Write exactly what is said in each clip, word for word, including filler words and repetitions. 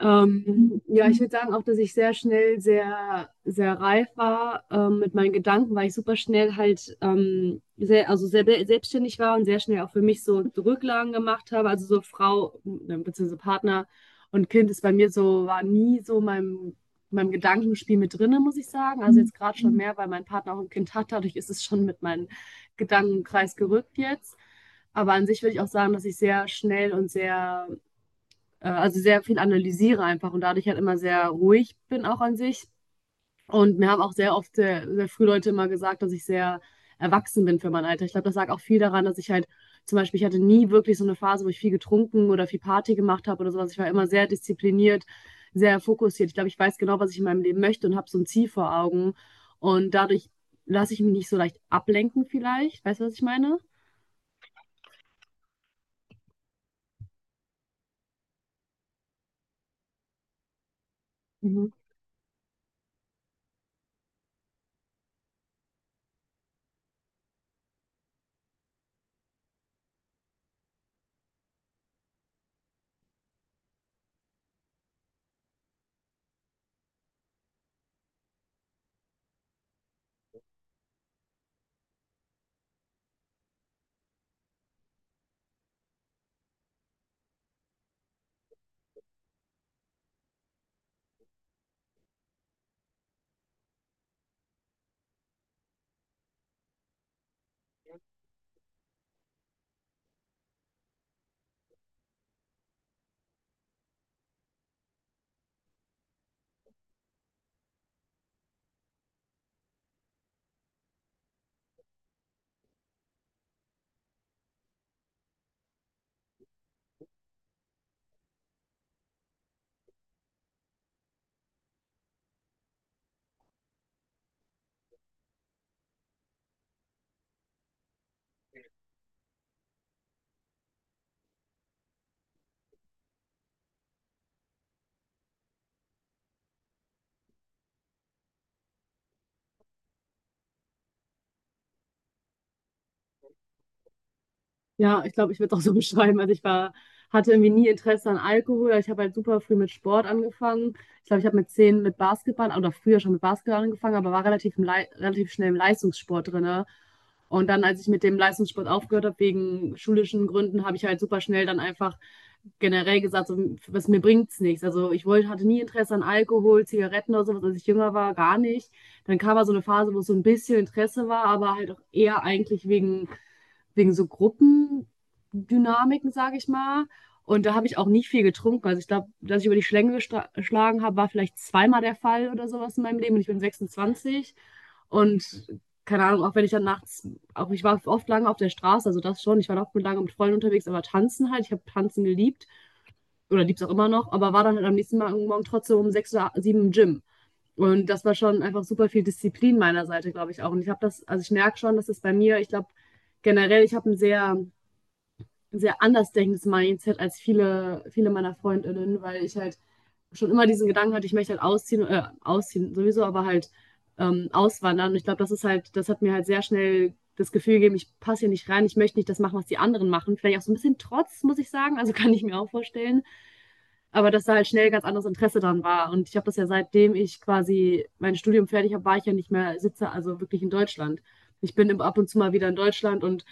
Ähm, ja, ich würde sagen auch, dass ich sehr schnell sehr, sehr reif war, ähm, mit meinen Gedanken, weil ich super schnell halt ähm, sehr, also sehr be- selbstständig war und sehr schnell auch für mich so Rücklagen gemacht habe. Also so Frau, äh, beziehungsweise Partner und Kind ist bei mir so, war nie so meinem, meinem Gedankenspiel mit drinne, muss ich sagen. Also jetzt gerade schon mehr, weil mein Partner auch ein Kind hat, dadurch ist es schon mit meinem Gedankenkreis gerückt jetzt. Aber an sich würde ich auch sagen, dass ich sehr schnell und sehr äh, also sehr viel analysiere einfach und dadurch halt immer sehr ruhig bin auch an sich. Und mir haben auch sehr oft, sehr, sehr früh Leute immer gesagt, dass ich sehr erwachsen bin für mein Alter. Ich glaube, das lag auch viel daran, dass ich halt zum Beispiel, ich hatte nie wirklich so eine Phase, wo ich viel getrunken oder viel Party gemacht habe oder sowas. Ich war immer sehr diszipliniert, sehr fokussiert. Ich glaube, ich weiß genau, was ich in meinem Leben möchte und habe so ein Ziel vor Augen. Und dadurch lasse ich mich nicht so leicht ablenken vielleicht. Weißt du, was ich meine? Mhm. Ja, ich glaube, ich würde es auch so beschreiben. Also ich war, hatte irgendwie nie Interesse an Alkohol. Ich habe halt super früh mit Sport angefangen. Ich glaube, ich habe mit zehn mit Basketball oder früher schon mit Basketball angefangen, aber war relativ, im Lei- relativ schnell im Leistungssport drinne. Und dann, als ich mit dem Leistungssport aufgehört habe, wegen schulischen Gründen, habe ich halt super schnell dann einfach generell gesagt, so, was mir bringt's nichts. Also ich wollte, hatte nie Interesse an Alkohol, Zigaretten oder sowas, als ich jünger war, gar nicht. Dann kam mal so eine Phase, wo es so ein bisschen Interesse war, aber halt auch eher eigentlich wegen wegen so Gruppendynamiken, sage ich mal. Und da habe ich auch nicht viel getrunken. Also ich glaube, dass ich über die Schlänge gestra- geschlagen habe, war vielleicht zweimal der Fall oder sowas in meinem Leben. Und ich bin sechsundzwanzig. Und keine Ahnung, auch wenn ich dann nachts, auch ich war oft lange auf der Straße, also das schon. Ich war oft lange mit Freunden unterwegs, aber tanzen halt. Ich habe tanzen geliebt oder lieb's auch immer noch, aber war dann halt am nächsten Morgen trotzdem um sechs oder sieben im Gym. Und das war schon einfach super viel Disziplin meiner Seite, glaube ich auch. Und ich habe das, also ich merke schon, dass es bei mir, ich glaube generell, ich habe ein sehr, ein sehr anders denkendes Mindset als viele, viele meiner Freundinnen, weil ich halt schon immer diesen Gedanken hatte, ich möchte halt ausziehen, äh, ausziehen sowieso, aber halt ähm, auswandern. Und ich glaube, das ist halt, das hat mir halt sehr schnell das Gefühl gegeben, ich passe hier nicht rein, ich möchte nicht das machen, was die anderen machen. Vielleicht auch so ein bisschen Trotz, muss ich sagen, also kann ich mir auch vorstellen. Aber dass da halt schnell ganz anderes Interesse dran war. Und ich habe das ja seitdem ich quasi mein Studium fertig habe, war ich ja nicht mehr sitze, also wirklich in Deutschland. Ich bin im- ab und zu mal wieder in Deutschland und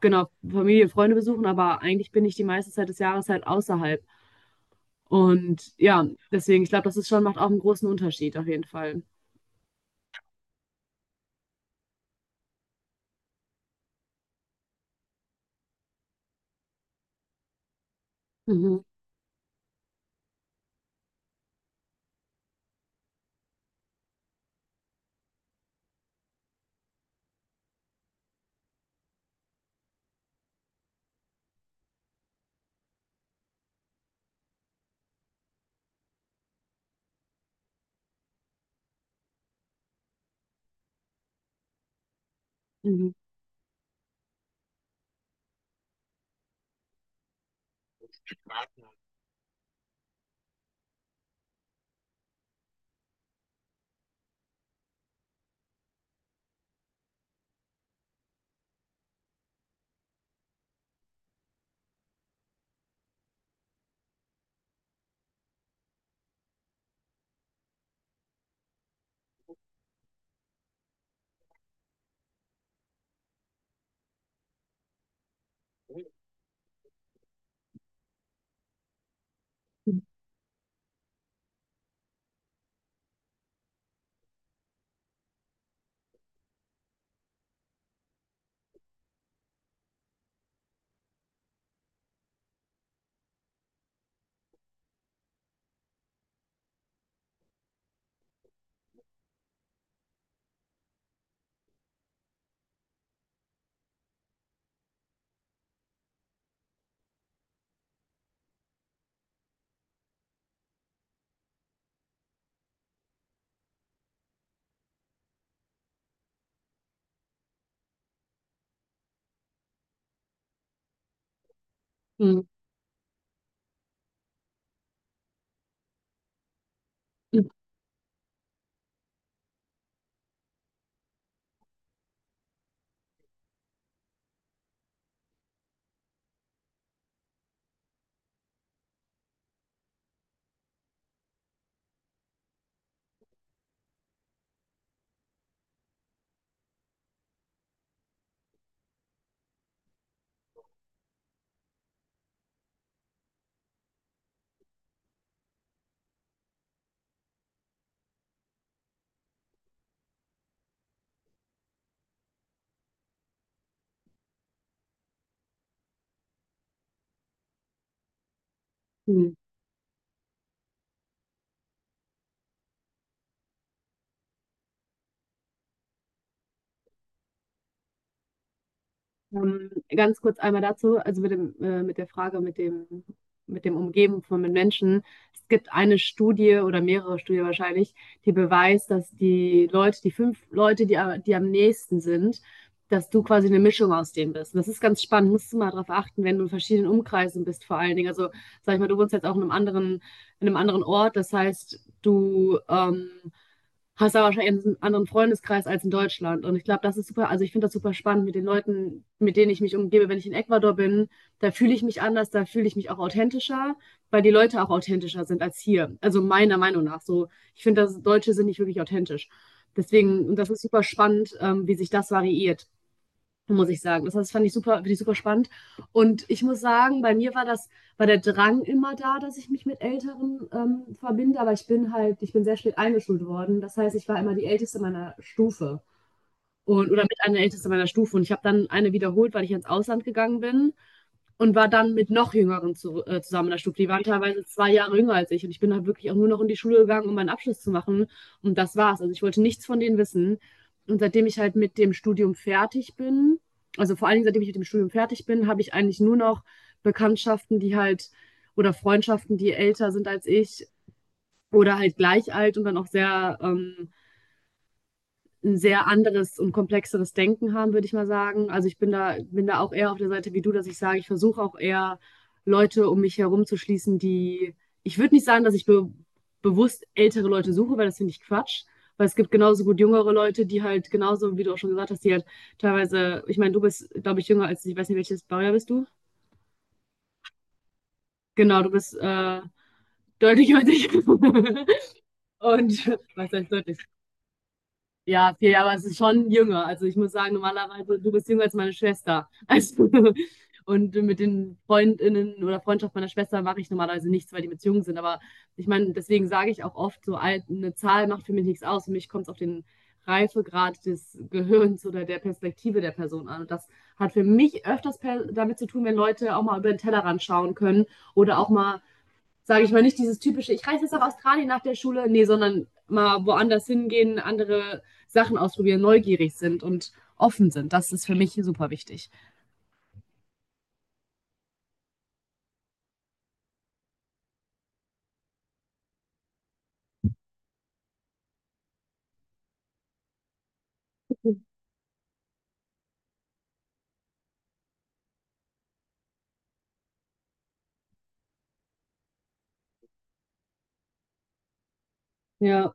genau, Familie, Freunde besuchen, aber eigentlich bin ich die meiste Zeit des Jahres halt außerhalb. Und ja, deswegen, ich glaube, das ist schon, macht auch einen großen Unterschied auf jeden Fall. Mhm. Mhm. Mhm. Mhm. Ähm, Ganz kurz einmal dazu, also mit dem, äh, mit der Frage mit dem, mit dem Umgeben von mit Menschen. Es gibt eine Studie oder mehrere Studien wahrscheinlich, die beweist, dass die Leute, die fünf Leute, die, a- die am nächsten sind, dass du quasi eine Mischung aus denen bist. Und das ist ganz spannend, musst du mal darauf achten, wenn du in verschiedenen Umkreisen bist, vor allen Dingen. Also, sag ich mal, du wohnst jetzt auch in einem anderen, in einem anderen Ort, das heißt, du, ähm, hast aber wahrscheinlich einen anderen Freundeskreis als in Deutschland. Und ich glaube, das ist super, also ich finde das super spannend mit den Leuten, mit denen ich mich umgebe. Wenn ich in Ecuador bin, da fühle ich mich anders, da fühle ich mich auch authentischer, weil die Leute auch authentischer sind als hier. Also meiner Meinung nach so. Ich finde, dass Deutsche sind nicht wirklich authentisch. Deswegen, und das ist super spannend, ähm, wie sich das variiert, muss ich sagen. Das, das fand ich super, finde ich super spannend. Und ich muss sagen, bei mir war das, war der Drang immer da, dass ich mich mit Älteren ähm, verbinde, aber ich bin halt, ich bin sehr spät eingeschult worden. Das heißt, ich war immer die Älteste meiner Stufe. Und oder mit einer der Ältesten meiner Stufe. Und ich habe dann eine wiederholt, weil ich ins Ausland gegangen bin und war dann mit noch Jüngeren zu, äh, zusammen in der Stufe. Die waren teilweise zwei Jahre jünger als ich. Und ich bin halt wirklich auch nur noch in die Schule gegangen, um meinen Abschluss zu machen. Und das war's. Also ich wollte nichts von denen wissen. Und seitdem ich halt mit dem Studium fertig bin, also vor allen Dingen seitdem ich mit dem Studium fertig bin, habe ich eigentlich nur noch Bekanntschaften, die halt oder Freundschaften, die älter sind als ich oder halt gleich alt und dann auch sehr ähm, ein sehr anderes und komplexeres Denken haben, würde ich mal sagen. Also ich bin da, bin da auch eher auf der Seite wie du, dass ich sage, ich versuche auch eher Leute um mich herum zu schließen, die, ich würde nicht sagen, dass ich be bewusst ältere Leute suche, weil das finde ich Quatsch. Weil es gibt genauso gut jüngere Leute, die halt genauso, wie du auch schon gesagt hast, die halt teilweise, ich meine, du bist, glaube ich, jünger als ich, weiß nicht, welches Baujahr bist du? Genau, du bist äh, deutlich jünger als ich. Und was heißt deutlich? Ja, viel, aber es ist schon jünger. Also ich muss sagen, normalerweise, du bist jünger als meine Schwester. Also, und mit den Freundinnen oder Freundschaft meiner Schwester mache ich normalerweise nichts, weil die mit jung sind. Aber ich meine, deswegen sage ich auch oft, so alt, eine Zahl macht für mich nichts aus. Für mich kommt es auf den Reifegrad des Gehirns oder der Perspektive der Person an. Und das hat für mich öfters per damit zu tun, wenn Leute auch mal über den Tellerrand schauen können oder auch mal sage ich mal, nicht dieses typische, ich reise jetzt nach Australien nach der Schule, nee, sondern mal woanders hingehen, andere Sachen ausprobieren, neugierig sind und offen sind. Das ist für mich super wichtig. Ja.